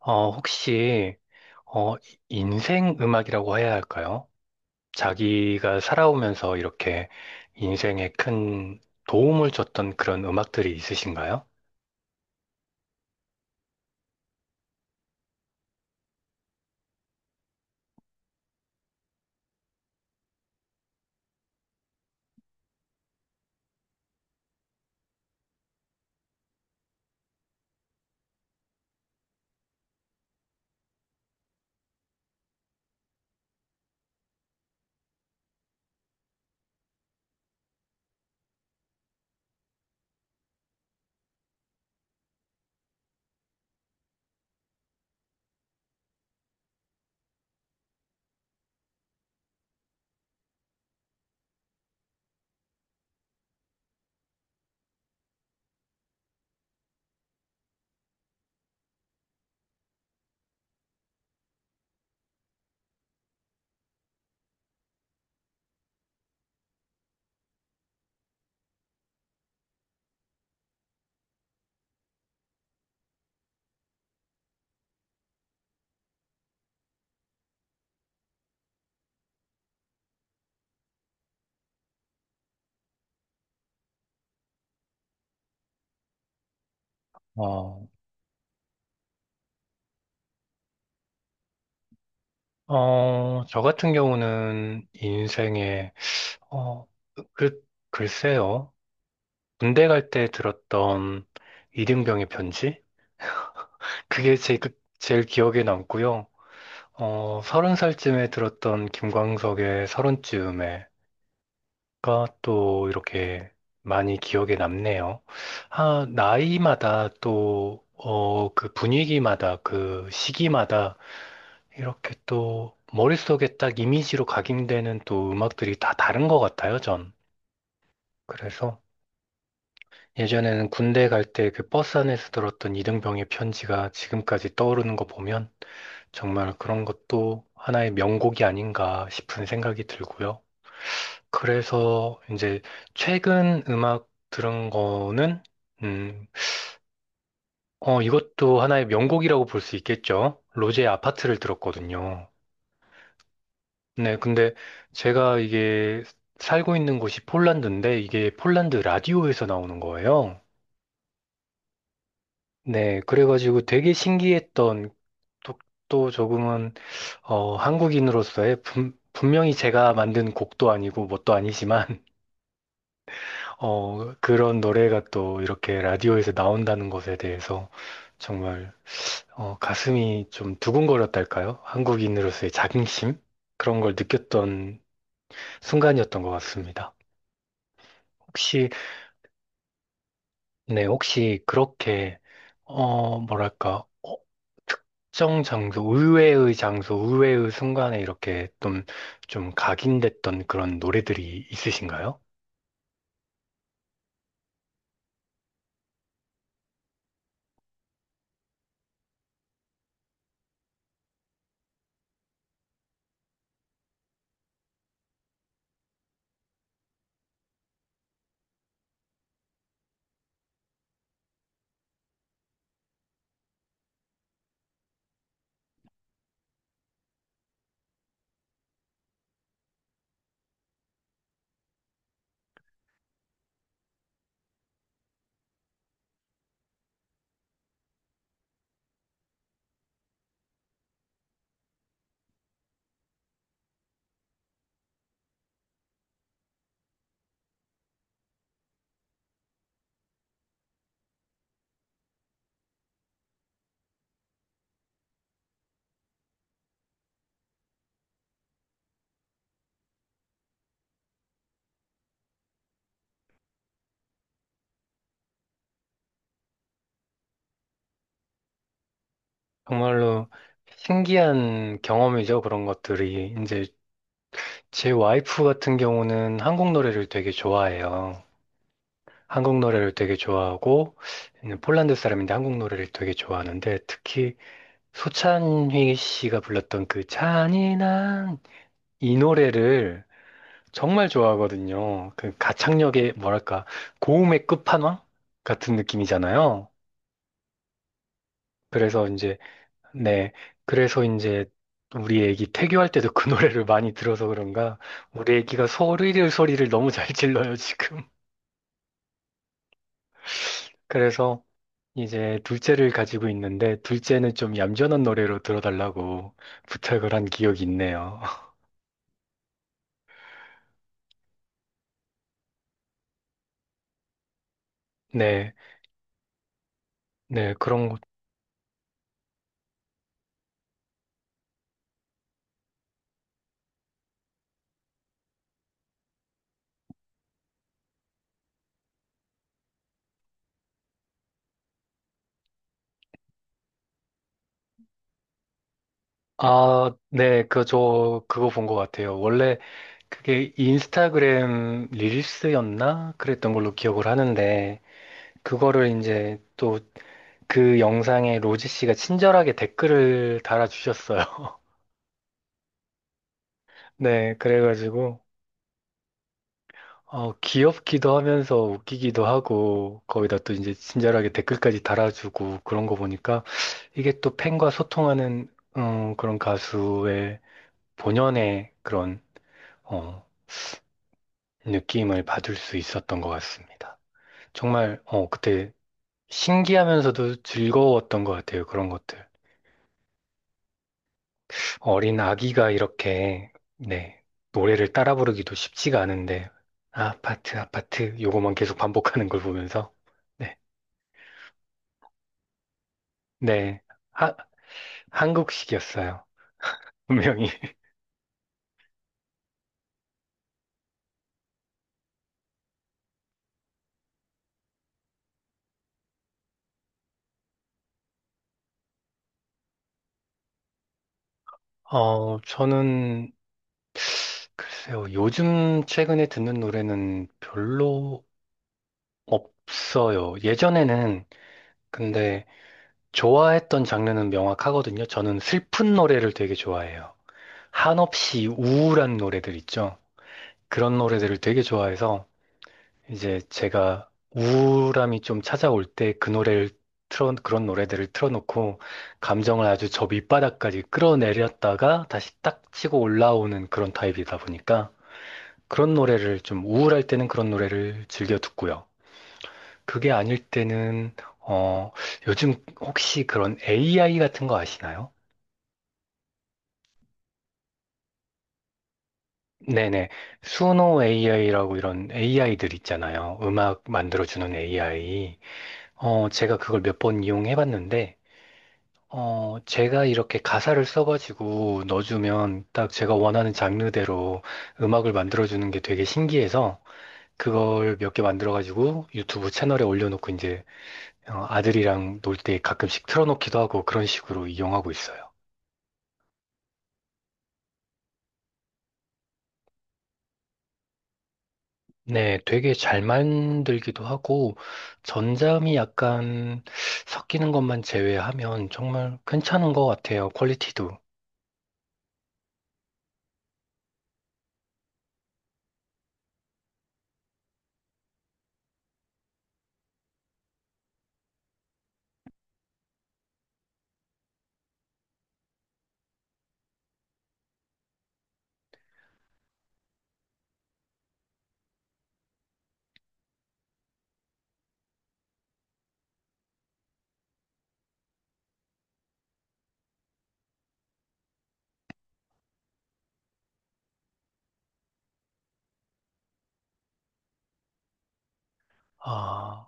혹시, 어, 인생 음악이라고 해야 할까요? 자기가 살아오면서 이렇게 인생에 큰 도움을 줬던 그런 음악들이 있으신가요? 어, 저 같은 경우는 인생에, 어, 그, 글쎄요. 군대 갈 때 들었던 이등병의 편지? 그게 제일 기억에 남고요. 30살쯤에 들었던 김광석의 서른쯤에 가또 이렇게 많이 기억에 남네요. 아, 나이마다 또, 그 분위기마다 그 시기마다 이렇게 또 머릿속에 딱 이미지로 각인되는 또 음악들이 다 다른 것 같아요, 전. 그래서 예전에는 군대 갈 때 그 버스 안에서 들었던 이등병의 편지가 지금까지 떠오르는 거 보면 정말 그런 것도 하나의 명곡이 아닌가 싶은 생각이 들고요. 그래서 이제 최근 음악 들은 거는 음, 이것도 하나의 명곡이라고 볼 수 있겠죠. 로제의 아파트를 들었거든요. 네, 근데 제가 이게 살고 있는 곳이 폴란드인데 이게 폴란드 라디오에서 나오는 거예요. 네, 그래가지고 되게 신기했던 또, 또 조금은 한국인으로서의 분명히 제가 만든 곡도 아니고 뭣도 아니지만 그런 노래가 또 이렇게 라디오에서 나온다는 것에 대해서 정말 가슴이 좀 두근거렸달까요? 한국인으로서의 자긍심? 그런 걸 느꼈던 순간이었던 것 같습니다. 혹시, 네, 혹시 그렇게, 뭐랄까, 특정 장소, 의외의 장소, 의외의 순간에 이렇게 좀 각인됐던 그런 노래들이 있으신가요? 정말로 신기한 경험이죠. 그런 것들이 이제 제 와이프 같은 경우는 한국 노래를 되게 좋아해요. 한국 노래를 되게 좋아하고, 는 폴란드 사람인데 한국 노래를 되게 좋아하는데, 특히 소찬휘 씨가 불렀던 그 잔인한 이 노래를 정말 좋아하거든요. 그 가창력의 뭐랄까, 고음의 끝판왕 같은 느낌이잖아요. 그래서 이제, 네. 그래서 이제 우리 애기 태교할 때도 그 노래를 많이 들어서 그런가, 우리 애기가 소리를 너무 잘 질러요, 지금. 그래서 이제 둘째를 가지고 있는데 둘째는 좀 얌전한 노래로 들어달라고 부탁을 한 기억이 있네요. 네, 네, 그런 것. 아, 네, 그거 본 것 같아요. 원래 그게 인스타그램 릴스였나? 그랬던 걸로 기억을 하는데, 그거를 이제 또 그 영상에 로지 씨가 친절하게 댓글을 달아주셨어요. 네, 그래가지고, 귀엽기도 하면서 웃기기도 하고, 거기다 또 이제 친절하게 댓글까지 달아주고 그런 거 보니까 이게 또 팬과 소통하는 그런 가수의 본연의 그런 어, 느낌을 받을 수 있었던 것 같습니다. 정말 그때 신기하면서도 즐거웠던 것 같아요. 그런 것들. 어린 아기가 이렇게 네, 노래를 따라 부르기도 쉽지가 않은데 아파트 아파트 요거만 계속 반복하는 걸 보면서 네. 네. 하, 한국식이었어요. 분명히. 저는 글쎄요. 요즘 최근에 듣는 노래는 별로 없어요. 예전에는 근데 좋아했던 장르는 명확하거든요. 저는 슬픈 노래를 되게 좋아해요. 한없이 우울한 노래들 있죠. 그런 노래들을 되게 좋아해서 이제 제가 우울함이 좀 찾아올 때 그 노래를 그런 노래들을 틀어놓고 감정을 아주 저 밑바닥까지 끌어내렸다가 다시 딱 치고 올라오는 그런 타입이다 보니까 그런 노래를 좀 우울할 때는 그런 노래를 즐겨 듣고요. 그게 아닐 때는, 어, 요즘 혹시 그런 AI 같은 거 아시나요? 네네. 수노 AI라고 이런 AI들 있잖아요. 음악 만들어주는 AI. 제가 그걸 몇 번 이용해 봤는데, 제가 이렇게 가사를 써가지고 넣어주면 딱 제가 원하는 장르대로 음악을 만들어주는 게 되게 신기해서 그걸 몇 개 만들어가지고 유튜브 채널에 올려놓고 이제 아들이랑 놀 때 가끔씩 틀어놓기도 하고 그런 식으로 이용하고 있어요. 네, 되게 잘 만들기도 하고 전자음이 약간 섞이는 것만 제외하면 정말 괜찮은 것 같아요. 퀄리티도. 아,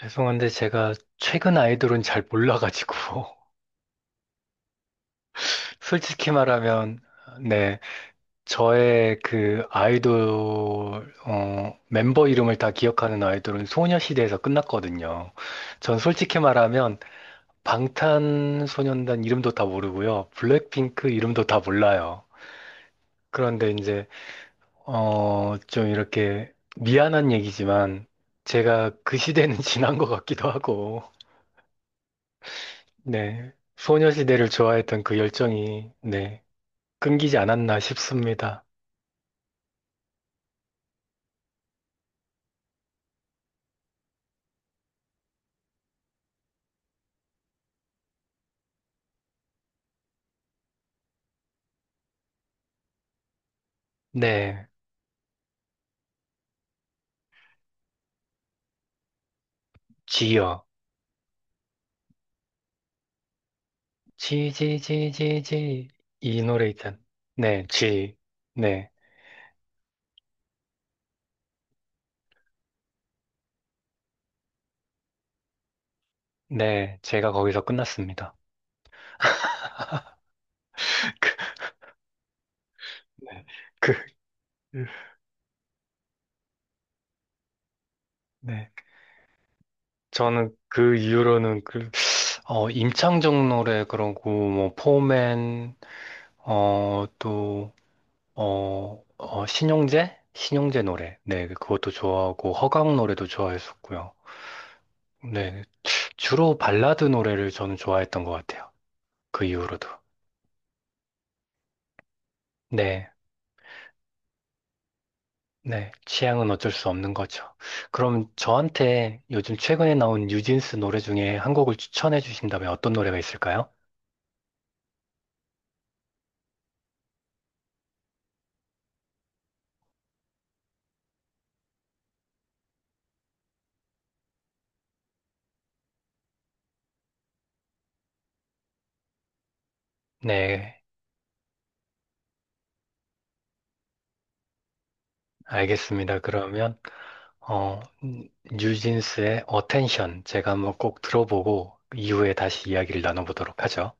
죄송한데 제가 최근 아이돌은 잘 몰라가지고. 솔직히 말하면, 네. 저의 그 아이돌, 멤버 이름을 다 기억하는 아이돌은 소녀시대에서 끝났거든요. 전 솔직히 말하면, 방탄소년단 이름도 다 모르고요. 블랙핑크 이름도 다 몰라요. 그런데 이제, 좀 이렇게 미안한 얘기지만, 제가 그 시대는 지난 것 같기도 하고, 네. 소녀시대를 좋아했던 그 열정이, 네. 끊기지 않았나 싶습니다. 네. 지요. 지, 지, 지, 지, 지. 이 노래 있잖아. 네, 지. 네, 네. 제가 거기서 끝났습니다. 네, 네. 저는 그 이후로는 임창정 노래 그러고, 뭐, 포맨, 또, 신용재? 신용재 노래. 네, 그것도 좋아하고, 허각 노래도 좋아했었고요. 네. 주로 발라드 노래를 저는 좋아했던 것 같아요. 그 이후로도. 네. 네, 취향은 어쩔 수 없는 거죠. 그럼 저한테 요즘 최근에 나온 뉴진스 노래 중에 한 곡을 추천해 주신다면 어떤 노래가 있을까요? 네, 알겠습니다. 그러면 뉴진스의 Attention 제가 한번 꼭 들어보고 이후에 다시 이야기를 나눠보도록 하죠.